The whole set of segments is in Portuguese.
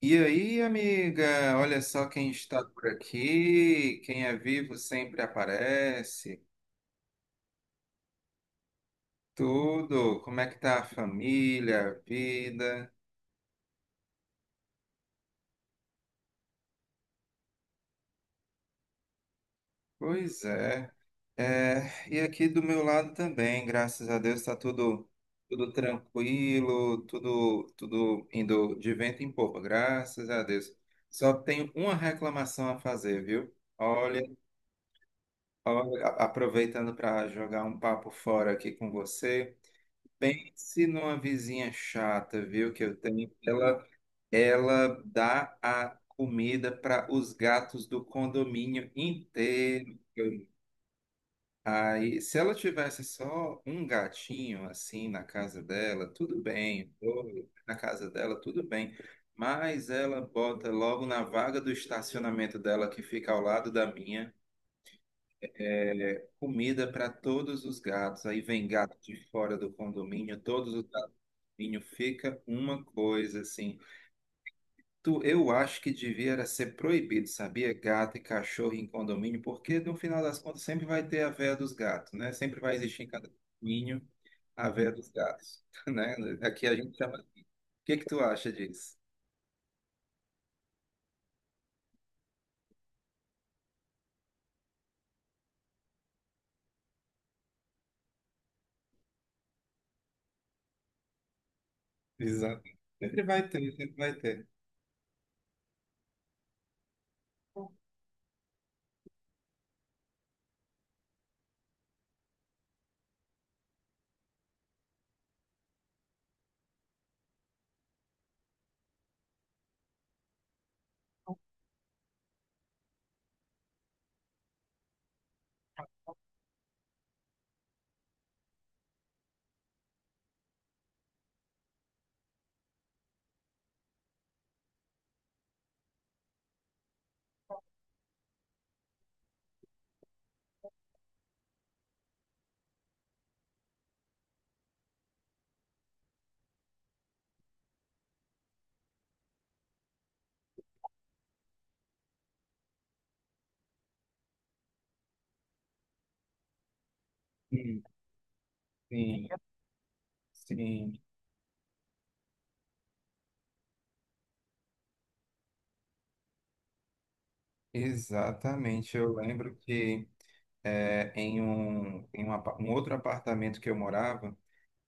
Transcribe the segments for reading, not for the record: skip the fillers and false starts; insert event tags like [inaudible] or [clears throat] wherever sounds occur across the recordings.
E aí, amiga, olha só quem está por aqui. Quem é vivo sempre aparece. Tudo. Como é que tá a família, a vida? Pois é. É, e aqui do meu lado também, graças a Deus, está tudo tranquilo, tudo indo de vento em popa, graças a Deus. Só tenho uma reclamação a fazer, viu? Olha, aproveitando para jogar um papo fora aqui com você. Pense numa vizinha chata, viu, que eu tenho. Ela dá a comida para os gatos do condomínio inteiro. Aí, se ela tivesse só um gatinho assim na casa dela, tudo bem. Dois na casa dela, tudo bem. Mas ela bota logo na vaga do estacionamento dela, que fica ao lado da minha. É, comida para todos os gatos. Aí vem gato de fora do condomínio, todos os gatos do condomínio fica uma coisa assim. Tu, eu acho que devia era ser proibido, sabia? Gato e cachorro em condomínio, porque no final das contas sempre vai ter a veia dos gatos, né? Sempre vai existir em cada condomínio a veia dos gatos, [laughs] né? Aqui a gente chama. O que que tu acha disso? Exato. Sempre vai ter, sempre vai ter. Sim, sim, sim. Exatamente. Eu lembro que em um, um outro apartamento que eu morava,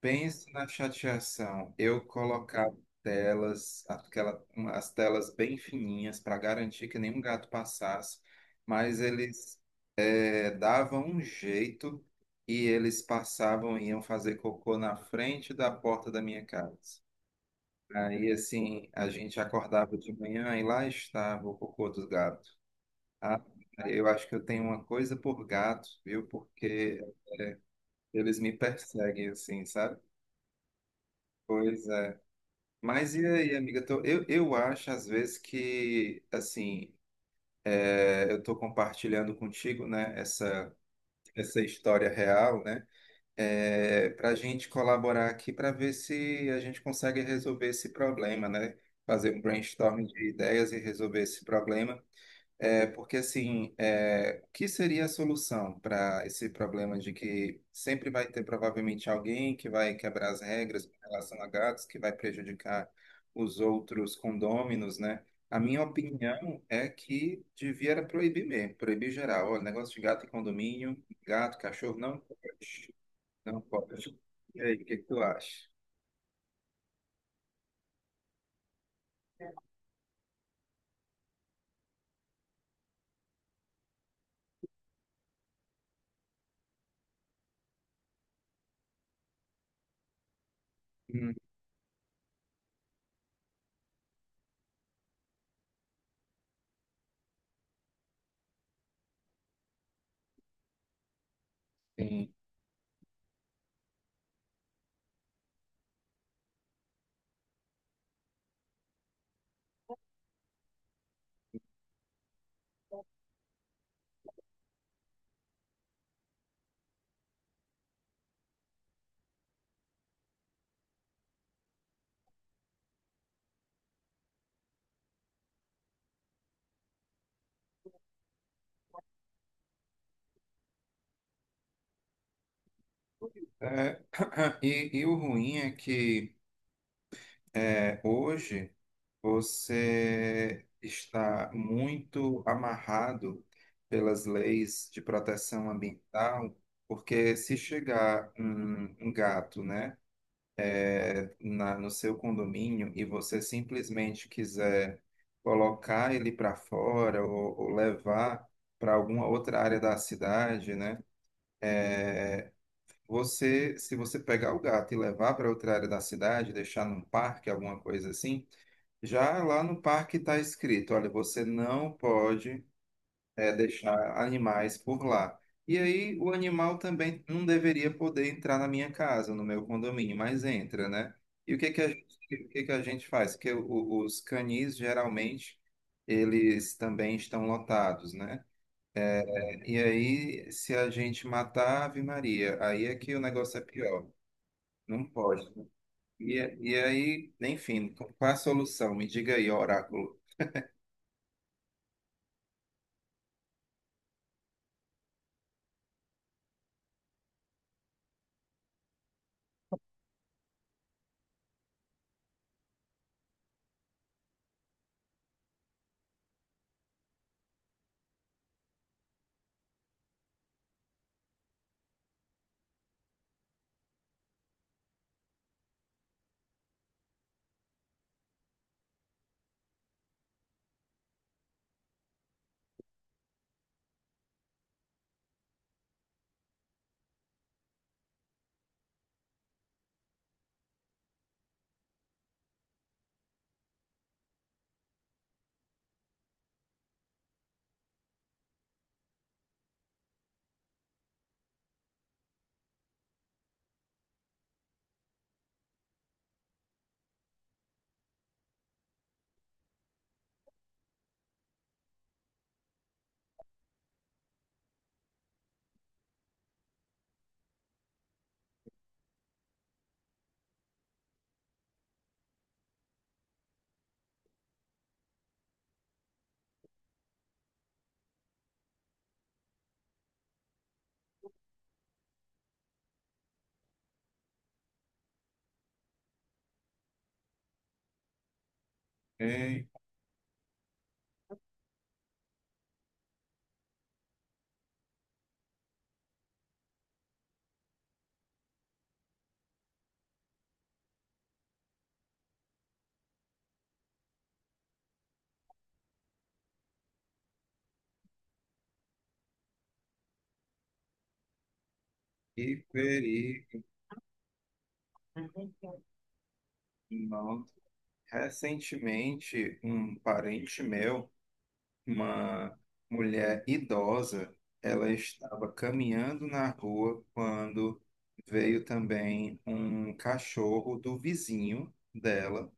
pense na chateação. Eu colocava telas, as telas bem fininhas para garantir que nenhum gato passasse, mas eles davam um jeito e eles passavam e iam fazer cocô na frente da porta da minha casa. Aí, assim, a gente acordava de manhã e lá estava o cocô dos gatos. Ah, eu acho que eu tenho uma coisa por gato, viu? Porque eles me perseguem, assim, sabe? Pois é. Mas e aí, amiga? Eu acho, às vezes, que, assim, eu estou compartilhando contigo, né, essa história real, né, para a gente colaborar aqui para ver se a gente consegue resolver esse problema, né? Fazer um brainstorming de ideias e resolver esse problema. É, porque assim, é, o que seria a solução para esse problema de que sempre vai ter provavelmente alguém que vai quebrar as regras com relação a gatos, que vai prejudicar os outros condôminos, né? A minha opinião é que devia era proibir mesmo, proibir geral. Olha, negócio de gato em condomínio, gato, cachorro, não pode, não pode. E aí, o que que tu acha? Hum, Sim. É, [clears throat] e o ruim é que hoje você está muito amarrado pelas leis de proteção ambiental, porque se chegar um gato, né, no seu condomínio e você simplesmente quiser colocar ele para fora ou levar para alguma outra área da cidade, né, você, se você pegar o gato e levar para outra área da cidade, deixar num parque, alguma coisa assim já lá no parque está escrito, olha, você não pode deixar animais por lá. E aí o animal também não deveria poder entrar na minha casa, no meu condomínio, mas entra, né? E o que que a gente, o que que a gente faz? Porque os canis geralmente eles também estão lotados, né? E aí se a gente matar a Ave Maria, aí é que o negócio é pior. Não pode. E, e aí, enfim, qual a solução? Me diga aí, oráculo. E Ferinaldo. Recentemente, um parente meu, uma mulher idosa, ela estava caminhando na rua quando veio também um cachorro do vizinho dela.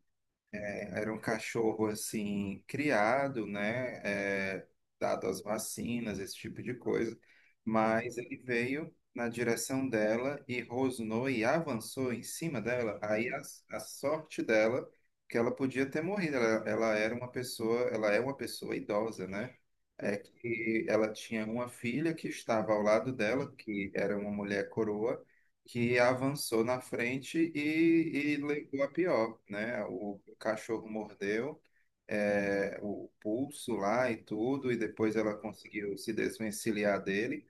É, era um cachorro assim criado, né, dado as vacinas, esse tipo de coisa, mas ele veio na direção dela e rosnou e avançou em cima dela. A sorte dela que ela podia ter morrido. Ela era uma pessoa, ela é uma pessoa idosa, né? É que ela tinha uma filha que estava ao lado dela, que era uma mulher coroa que avançou na frente e levou a pior, né? O cachorro mordeu o pulso lá e tudo, e depois ela conseguiu se desvencilhar dele,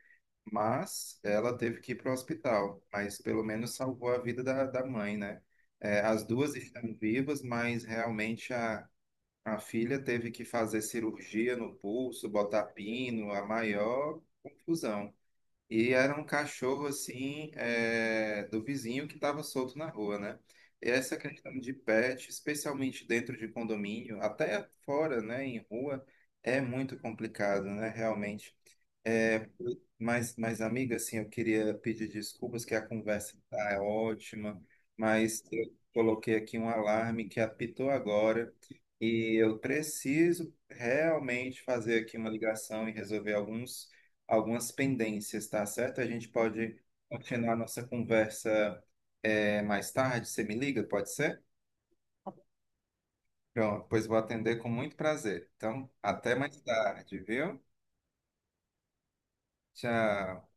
mas ela teve que ir para o hospital, mas pelo menos salvou a vida da mãe, né? É, as duas estão vivas, mas realmente a filha teve que fazer cirurgia no pulso, botar pino, a maior confusão. E era um cachorro assim, é, do vizinho que estava solto na rua, né? E essa questão de pet, especialmente dentro de condomínio, até fora, né, em rua, é muito complicado, né, realmente. É, mas, amiga, assim, eu queria pedir desculpas que a conversa tá ótima, mas eu coloquei aqui um alarme que apitou agora e eu preciso realmente fazer aqui uma ligação e resolver alguns algumas pendências, tá certo? A gente pode continuar a nossa conversa é, mais tarde. Você me liga, pode ser? Pronto, pois vou atender com muito prazer. Então, até mais tarde, viu? Tchau.